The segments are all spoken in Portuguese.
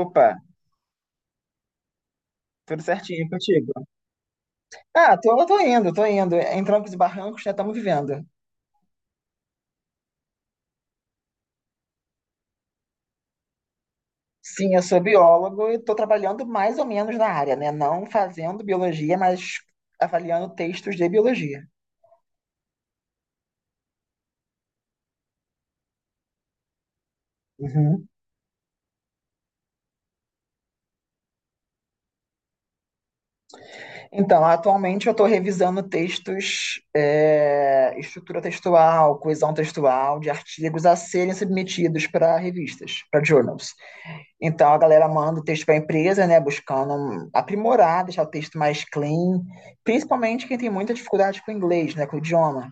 Opa, tudo certinho contigo? Ah, tô, tô indo. Em trancos e barrancos, né? Estamos vivendo. Sim, eu sou biólogo e estou trabalhando mais ou menos na área, né? Não fazendo biologia, mas avaliando textos de biologia. Uhum. Então, atualmente eu estou revisando textos, estrutura textual, coesão textual, de artigos a serem submetidos para revistas, para journals. Então a galera manda o texto para a empresa, né, buscando aprimorar, deixar o texto mais clean, principalmente quem tem muita dificuldade com o inglês, né, com o idioma.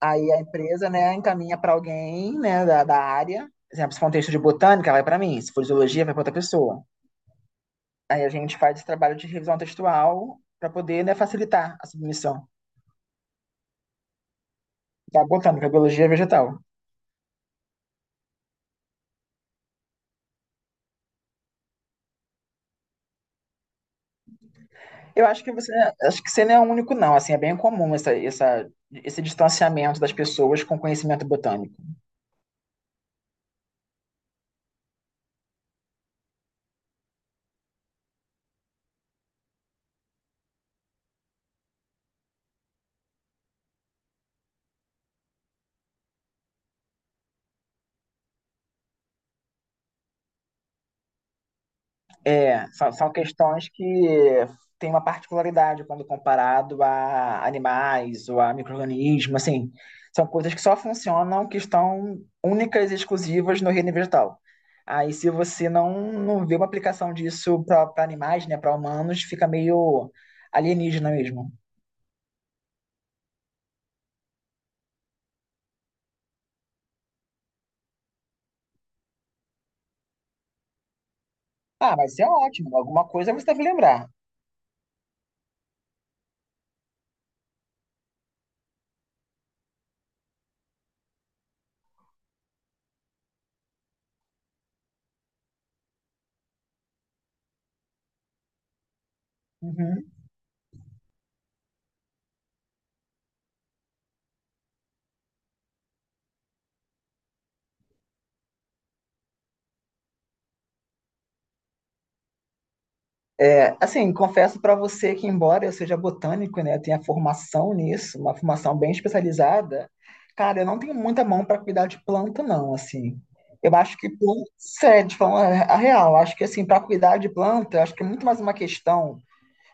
Aí a empresa, né, encaminha para alguém, né, da área. Por exemplo, se for um texto de botânica, vai para mim, se for de zoologia, vai para outra pessoa. Aí a gente faz esse trabalho de revisão textual para poder, né, facilitar a submissão da botânica, biologia vegetal. Eu acho que você não é o único não, assim, é bem comum esse distanciamento das pessoas com conhecimento botânico. É, são questões que têm uma particularidade quando comparado a animais ou a micro-organismos, assim, são coisas que só funcionam, que estão únicas e exclusivas no reino vegetal. Aí, se você não vê uma aplicação disso para animais, né, para humanos, fica meio alienígena mesmo. Ah, mas isso é ótimo, alguma coisa você deve lembrar. Uhum. É, assim, confesso para você que, embora eu seja botânico, né, tenha formação nisso, uma formação bem especializada, cara, eu não tenho muita mão para cuidar de planta, não, assim. Eu acho que, sério, de forma a real, acho que, assim, para cuidar de planta, eu acho que é muito mais uma questão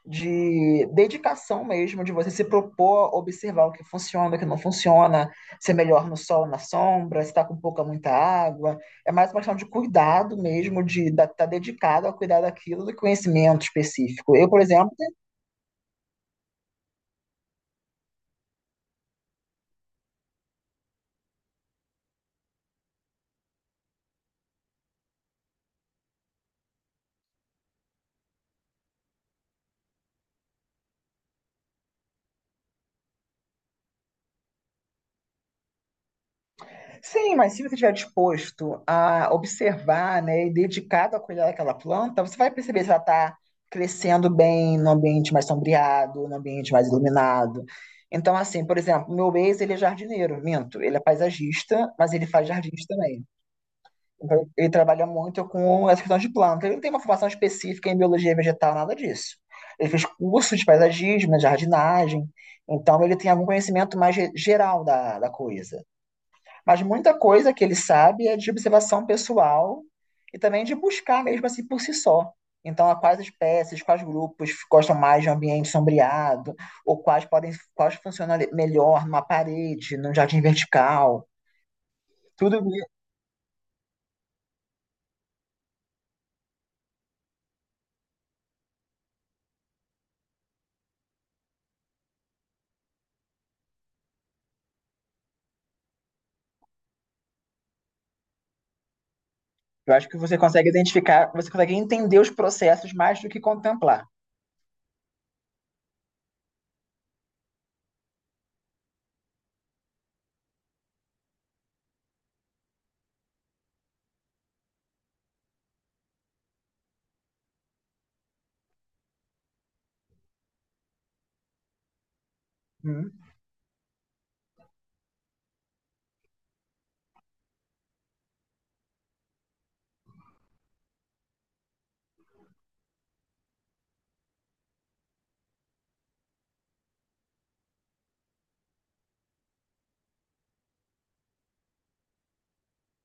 de dedicação mesmo, de você se propor observar o que funciona, o que não funciona, se é melhor no sol, ou na sombra, se está com pouca, muita água. É mais uma questão de cuidado mesmo, de estar tá dedicado a cuidar daquilo, do conhecimento específico. Eu, por exemplo, sim, mas se você estiver disposto a observar, né, e dedicado a cuidar daquela planta, você vai perceber se ela está crescendo bem no ambiente mais sombreado, no ambiente mais iluminado. Então, assim, por exemplo, meu ex, ele é jardineiro, minto, ele é paisagista, mas ele faz jardins também. Então, ele trabalha muito com essa questão de planta. Ele não tem uma formação específica em biologia vegetal, nada disso. Ele fez curso de paisagismo, de jardinagem, então ele tem algum conhecimento mais geral da coisa. Mas muita coisa que ele sabe é de observação pessoal e também de buscar mesmo assim por si só. Então, a quais espécies, quais grupos gostam mais de um ambiente sombreado, ou quais podem, quais funcionam melhor numa parede, num jardim vertical. Tudo isso. Eu acho que você consegue identificar, você consegue entender os processos mais do que contemplar. Hum.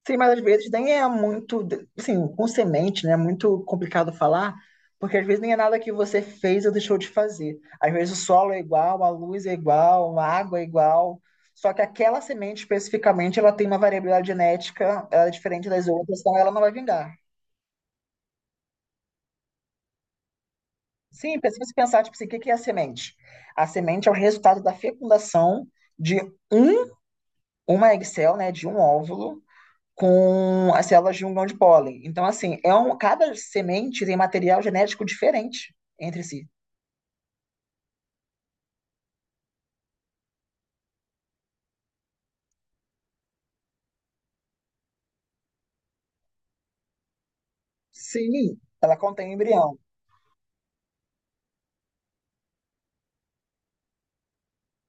Sim, mas às vezes nem é muito, assim, com semente, né? É muito complicado falar, porque às vezes nem é nada que você fez ou deixou de fazer. Às vezes o solo é igual, a luz é igual, a água é igual, só que aquela semente especificamente, ela tem uma variabilidade genética, ela é diferente das outras, então ela não vai vingar. Sim, se você pensar, tipo assim, o que é a semente? A semente é o resultado da fecundação de um, uma egg cell, né, de um óvulo, com as células de um grão de pólen. Então, assim, é um, cada semente tem material genético diferente entre si. Sim, ela contém um embrião.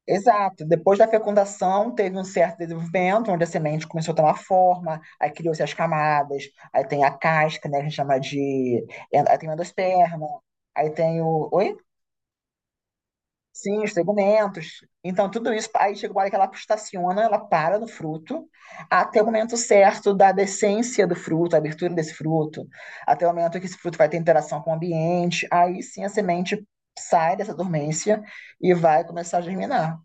Exato. Depois da fecundação, teve um certo desenvolvimento, onde a semente começou a tomar forma, aí criou-se as camadas, aí tem a casca, né, que a gente chama de... aí tem o endosperma, aí tem o... Oi? Sim, os segmentos. Então, tudo isso, aí chega uma hora que ela estaciona, ela para no fruto, até o momento certo da decência do fruto, a abertura desse fruto, até o momento que esse fruto vai ter interação com o ambiente, aí sim a semente sai dessa dormência e vai começar a germinar.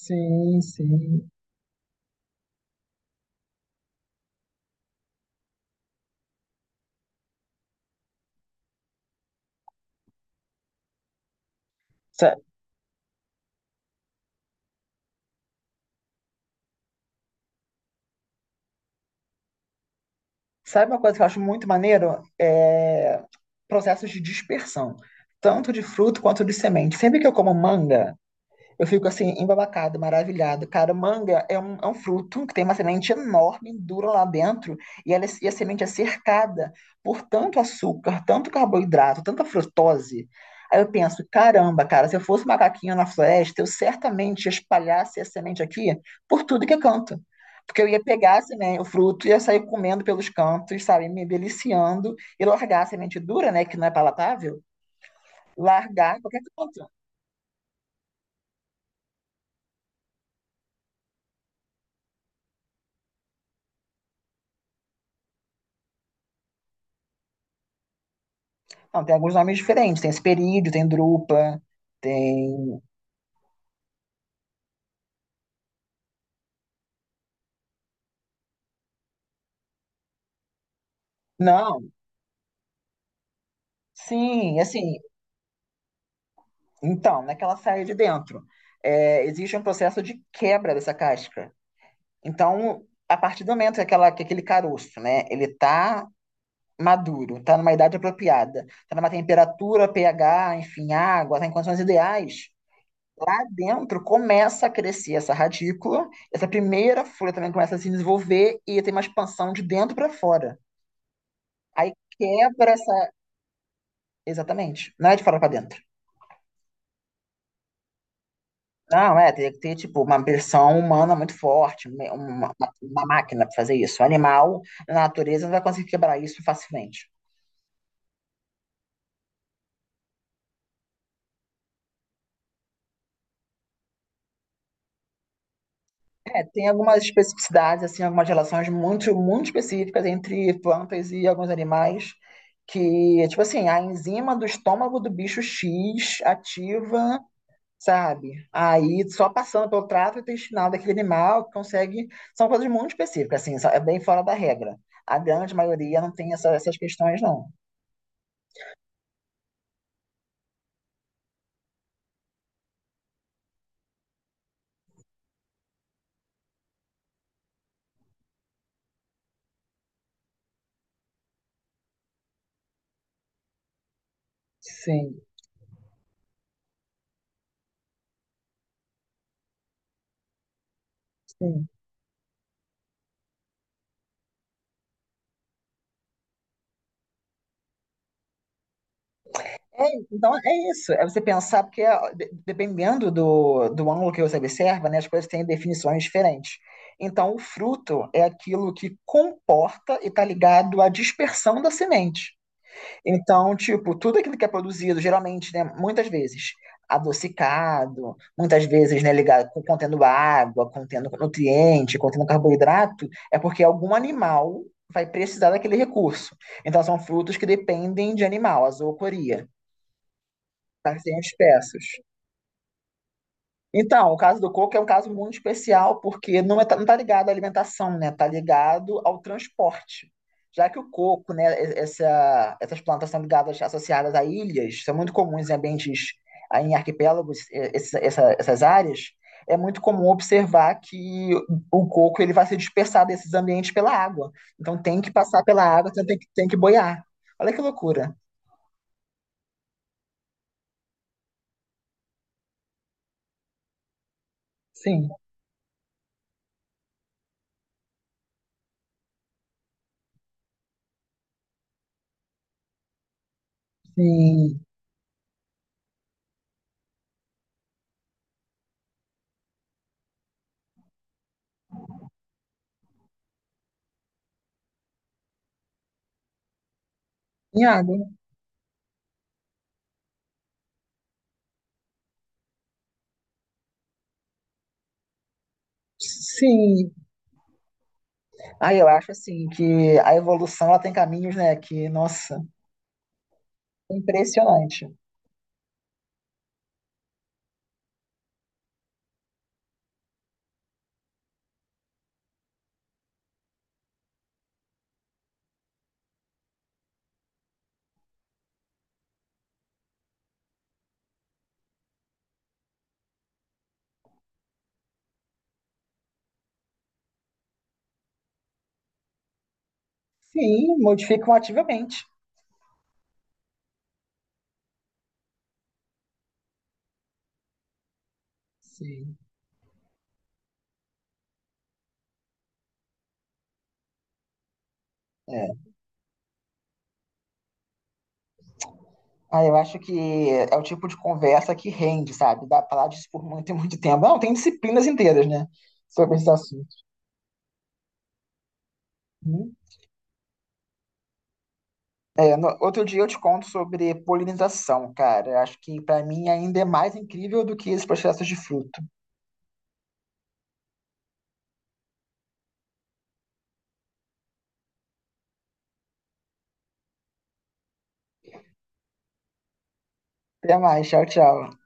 Sim, sim. Sa- Sabe uma coisa que eu acho muito maneiro? É processos de dispersão, tanto de fruto quanto de semente. Sempre que eu como manga, eu fico assim, embabacada, maravilhada. Cara, manga é um fruto que tem uma semente enorme, dura lá dentro, e, ela, e a semente é cercada por tanto açúcar, tanto carboidrato, tanta frutose. Aí eu penso, caramba, cara, se eu fosse um macaquinho na floresta, eu certamente espalhasse essa semente aqui por tudo que é canto. Porque eu ia pegar assim, né, o fruto, ia sair comendo pelos cantos, sabe, me deliciando, e largar a semente dura, né, que não é palatável, largar em qualquer canto. Não, tem alguns nomes diferentes. Tem Hesperídeo, tem Drupa, tem. Não, sim, assim. Então, naquela saia de dentro, existe um processo de quebra dessa casca. Então, a partir do momento que, aquela, que aquele caroço, né, ele tá maduro, tá numa idade apropriada, tá numa temperatura, pH, enfim, água, tá em condições ideais, lá dentro começa a crescer essa radícula, essa primeira folha também começa a se desenvolver e tem uma expansão de dentro para fora. Aí quebra essa, exatamente. Não é de fora para dentro. Não, é, teria que ter, tipo, uma versão humana muito forte, uma máquina para fazer isso. O animal, na natureza, não vai conseguir quebrar isso facilmente. É, tem algumas especificidades, assim, algumas relações muito específicas entre plantas e alguns animais, que, tipo assim, a enzima do estômago do bicho X ativa sabe? Aí só passando pelo trato intestinal daquele animal que consegue. São coisas muito específicas, assim, é bem fora da regra. A grande maioria não tem essas questões, não. Sim, sim. É, então é isso, é você pensar, porque ó, dependendo do, do ângulo que você observa, né, as coisas têm definições diferentes. Então, o fruto é aquilo que comporta e está ligado à dispersão da semente. Então, tipo, tudo aquilo que é produzido, geralmente, né, muitas vezes adocicado, muitas vezes, né, ligado com contendo água, contendo nutriente, contendo carboidrato, é porque algum animal vai precisar daquele recurso. Então, são frutos que dependem de animal, a zoocoria, para serem espessos. Então, o caso do coco é um caso muito especial, porque não está ligado à alimentação, né? Está ligado ao transporte. Já que o coco, né, essas plantas são ligadas, associadas a ilhas, são muito comuns em ambientes, ah, em arquipélagos, essas áreas, é muito comum observar que o coco ele vai se dispersar desses ambientes pela água. Então tem que passar pela água, então tem que boiar. Olha que loucura. Sim, sim. Em água. Sim, ah, eu acho assim que a evolução ela tem caminhos, né, que, nossa, impressionante. Sim, modificam ativamente. Sim. É. Ah, eu acho que é o tipo de conversa que rende, sabe? Dá pra falar disso por muito e muito tempo. Não, tem disciplinas inteiras, né? Sobre esse assunto. Uhum. É, outro dia eu te conto sobre polinização, cara. Eu acho que pra mim ainda é mais incrível do que esses processos de fruto. Até mais, tchau, tchau.